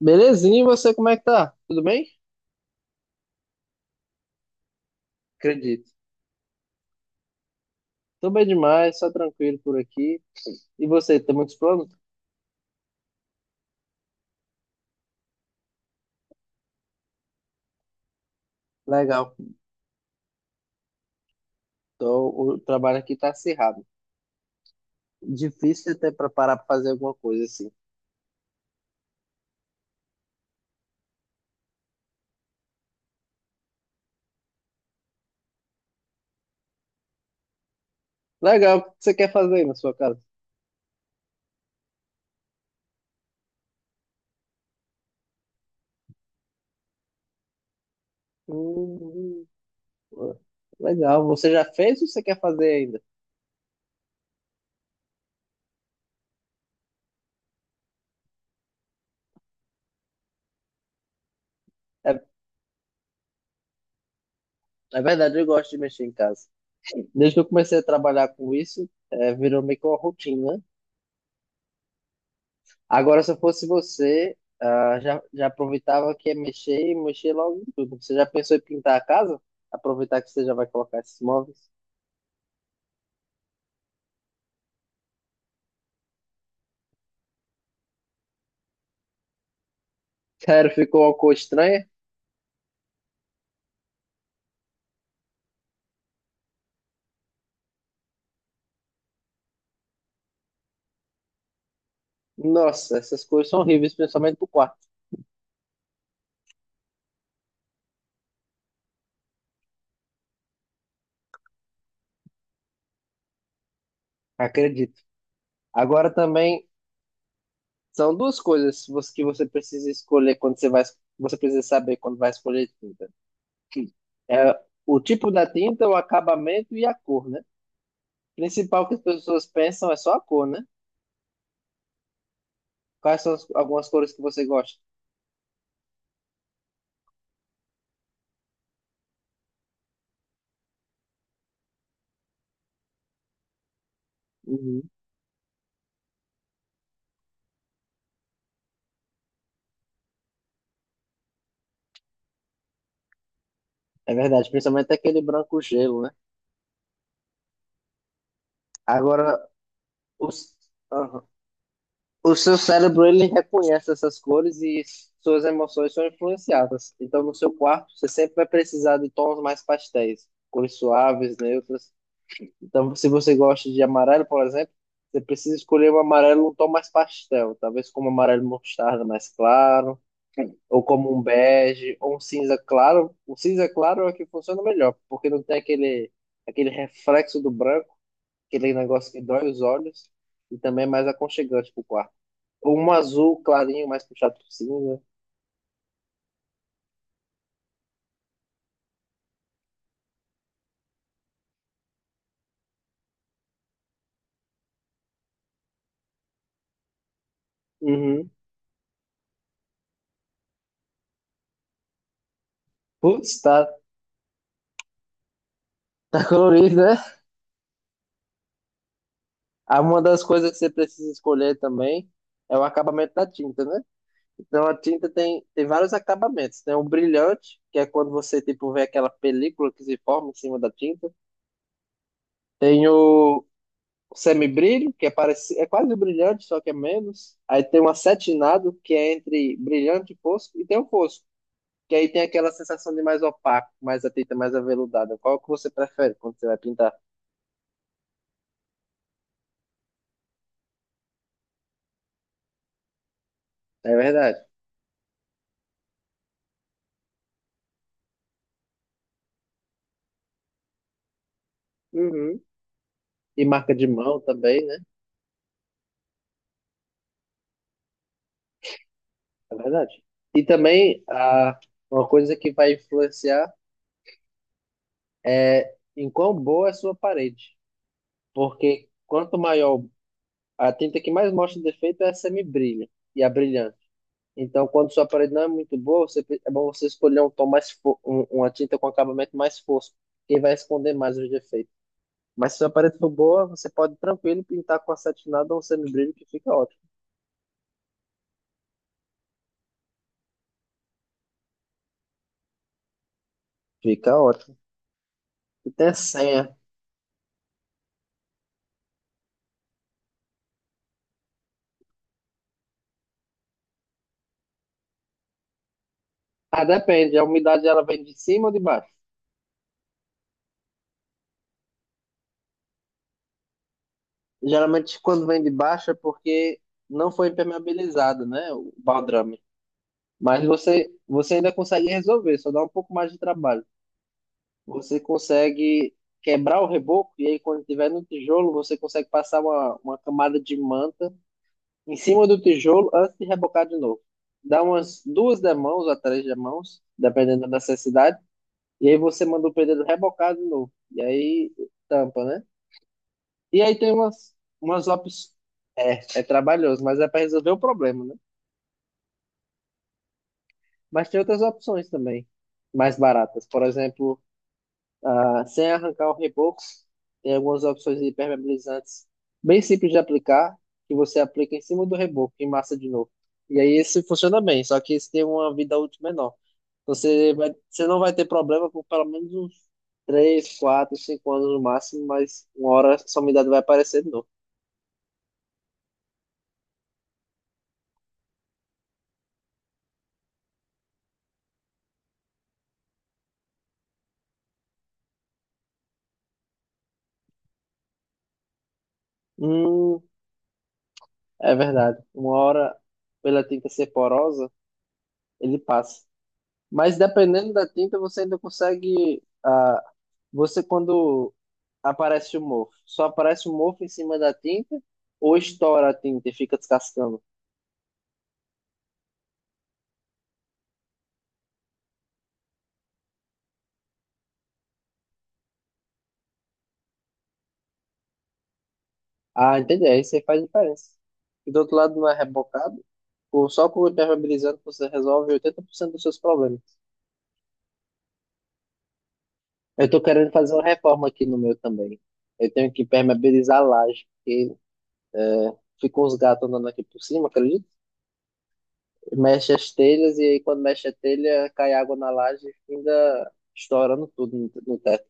Belezinha, e você como é que tá? Tudo bem? Acredito. Tô bem demais, só tranquilo por aqui. E você, tem muitos planos? Legal. Então, o trabalho aqui tá acirrado. Difícil até pra parar pra fazer alguma coisa assim. Legal, o que você quer fazer aí na sua casa? Hum. Hum. Legal, você já fez ou você quer fazer ainda? É, é verdade, eu gosto de mexer em casa. Desde que eu comecei a trabalhar com isso, é, virou meio que uma rotina. Agora, se eu fosse você, ah, já, já aproveitava que é mexer e mexer logo em tudo. Você já pensou em pintar a casa? Aproveitar que você já vai colocar esses móveis. Cara, ficou uma cor estranha? Nossa, essas cores são horríveis, principalmente pro quarto. Acredito. Agora também são duas coisas que você precisa escolher quando você vai, você precisa saber quando vai escolher tinta. Que é o tipo da tinta, o acabamento e a cor, né? O principal que as pessoas pensam é só a cor, né? Quais são algumas cores que você gosta? Uhum. É verdade, principalmente aquele branco gelo, né? Agora, o, s- aham. O seu cérebro, ele reconhece essas cores e suas emoções são influenciadas. Então, no seu quarto, você sempre vai precisar de tons mais pastéis, cores suaves, neutras. Então, se você gosta de amarelo, por exemplo, você precisa escolher um amarelo, um tom mais pastel, talvez como amarelo mostarda mais claro, ou como um bege, ou um cinza claro. O cinza claro é o que funciona melhor, porque não tem aquele reflexo do branco, aquele negócio que dói os olhos e também é mais aconchegante pro quarto. Ou um azul clarinho, mais puxado por cima. Uhum. Putz, tá, tá colorido, né? Ah, uma das coisas que você precisa escolher também é o acabamento da tinta, né? Então a tinta tem vários acabamentos. Tem o brilhante, que é quando você tipo, vê aquela película que se forma em cima da tinta. Tem o semibrilho, que é, parecido, é quase o brilhante, só que é menos. Aí tem o acetinado, que é entre brilhante e fosco. E tem o fosco, que aí tem aquela sensação de mais opaco, mais a tinta mais aveludada. Qual que você prefere quando você vai pintar? É verdade. Uhum. E marca de mão também, né? É verdade. E também uma coisa que vai influenciar é em quão boa é a sua parede. Porque quanto maior a tinta que mais mostra defeito é a semibrilha e a brilhante. Então, quando sua parede não é muito boa, é bom você escolher um tom uma tinta com acabamento mais fosco, que vai esconder mais os defeitos. Mas se a parede for boa, você pode tranquilo pintar com acetinado ou um semibrilho que fica ótimo. Fica ótimo. E tem a senha. Ah, depende. A umidade ela vem de cima ou de baixo? Geralmente quando vem de baixo é porque não foi impermeabilizado, né? O baldrame. Mas você ainda consegue resolver, só dá um pouco mais de trabalho. Você consegue quebrar o reboco e aí quando tiver no tijolo, você consegue passar uma camada de manta em cima do tijolo antes de rebocar de novo. Dá umas duas demãos ou três demãos, dependendo da necessidade, e aí você manda o pedreiro rebocar de novo. E aí tampa, né? E aí tem umas opções. É, é trabalhoso, mas é para resolver o problema, né? Mas tem outras opções também, mais baratas. Por exemplo, ah, sem arrancar o reboco, tem algumas opções de impermeabilizantes bem simples de aplicar, que você aplica em cima do reboco e massa de novo. E aí esse funciona bem, só que esse tem uma vida útil menor. Você não vai ter problema por pelo menos uns 3, 4, 5 anos no máximo, mas uma hora essa umidade vai aparecer de novo. Hum. É verdade. Uma hora, pela tinta ser porosa, ele passa. Mas dependendo da tinta, você ainda consegue. Ah, você quando aparece o mofo. Só aparece o mofo em cima da tinta ou estoura a tinta e fica descascando. Ah, entendi. Aí você faz diferença. E do outro lado não é rebocado. Ou só com o impermeabilizante você resolve 80% dos seus problemas. Eu tô querendo fazer uma reforma aqui no meu também. Eu tenho que impermeabilizar a laje, porque é, ficam os gatos andando aqui por cima, acredito. Mexe as telhas e aí quando mexe a telha cai água na laje e ainda estourando tudo no teto.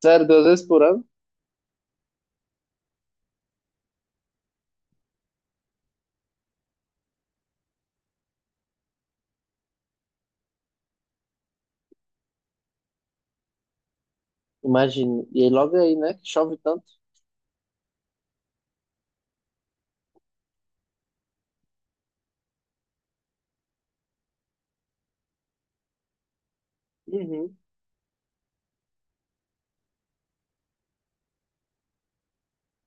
Sério, duas vezes por ano? Imagino. E aí logo aí, né? Que chove tanto. Uhum.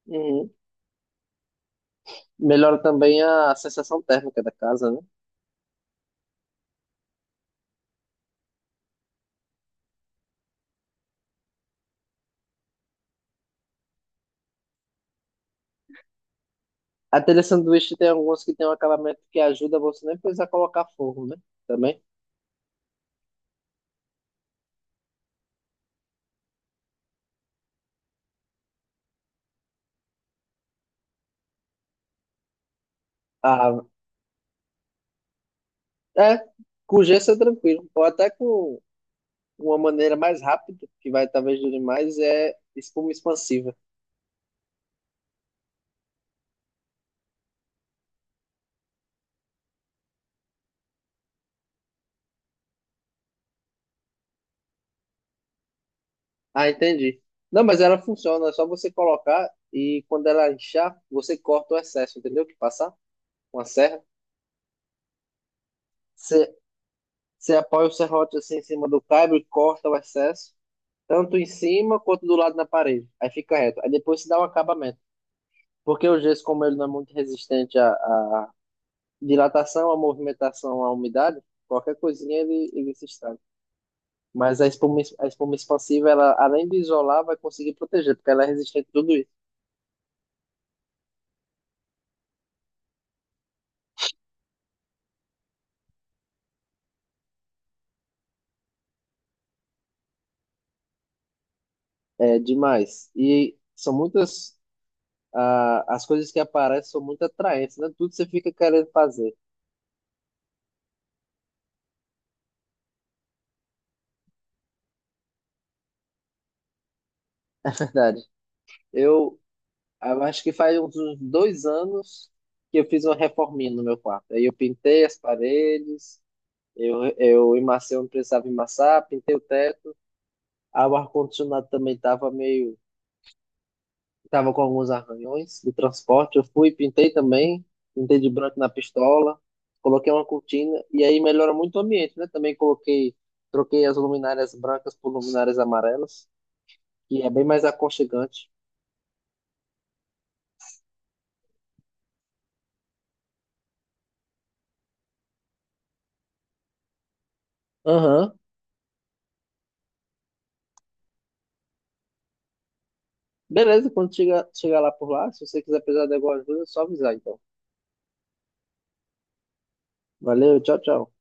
Uhum. Melhora também a sensação térmica da casa, né? A telha sanduíche tem alguns que tem um acabamento que ajuda você nem precisar colocar forro, né? Também. Ah, é, com gesso é tranquilo. Ou até com uma maneira mais rápida, que vai talvez durar mais, é espuma expansiva. Ah, entendi. Não, mas ela funciona, é só você colocar e quando ela inchar, você corta o excesso, entendeu? Que passar com a serra. Você apoia o serrote assim em cima do cabo e corta o excesso, tanto em cima quanto do lado na parede. Aí fica reto. Aí depois se dá um acabamento. Porque o gesso, como ele não é muito resistente à dilatação, à movimentação, à umidade, qualquer coisinha ele se estraga. Mas a espuma expansiva, ela, além de isolar, vai conseguir proteger, porque ela é resistente a tudo isso. É demais. E são muitas. Ah, as coisas que aparecem são muito atraentes, né? Tudo você fica querendo fazer, verdade. Eu, Eu acho que faz uns 2 anos que eu fiz uma reforminha no meu quarto. Aí eu pintei as paredes, eu emaciei onde precisava emassar, pintei o teto. Aí o ar-condicionado também estava meio. Estava com alguns arranhões do transporte. Eu fui, pintei também, pintei de branco na pistola, coloquei uma cortina e aí melhora muito o ambiente, né? Também troquei as luminárias brancas por luminárias amarelas, que é bem mais aconchegante. Aham. Beleza, quando chegar chega lá por lá, se você quiser precisar de alguma ajuda, é só avisar então. Valeu, tchau, tchau.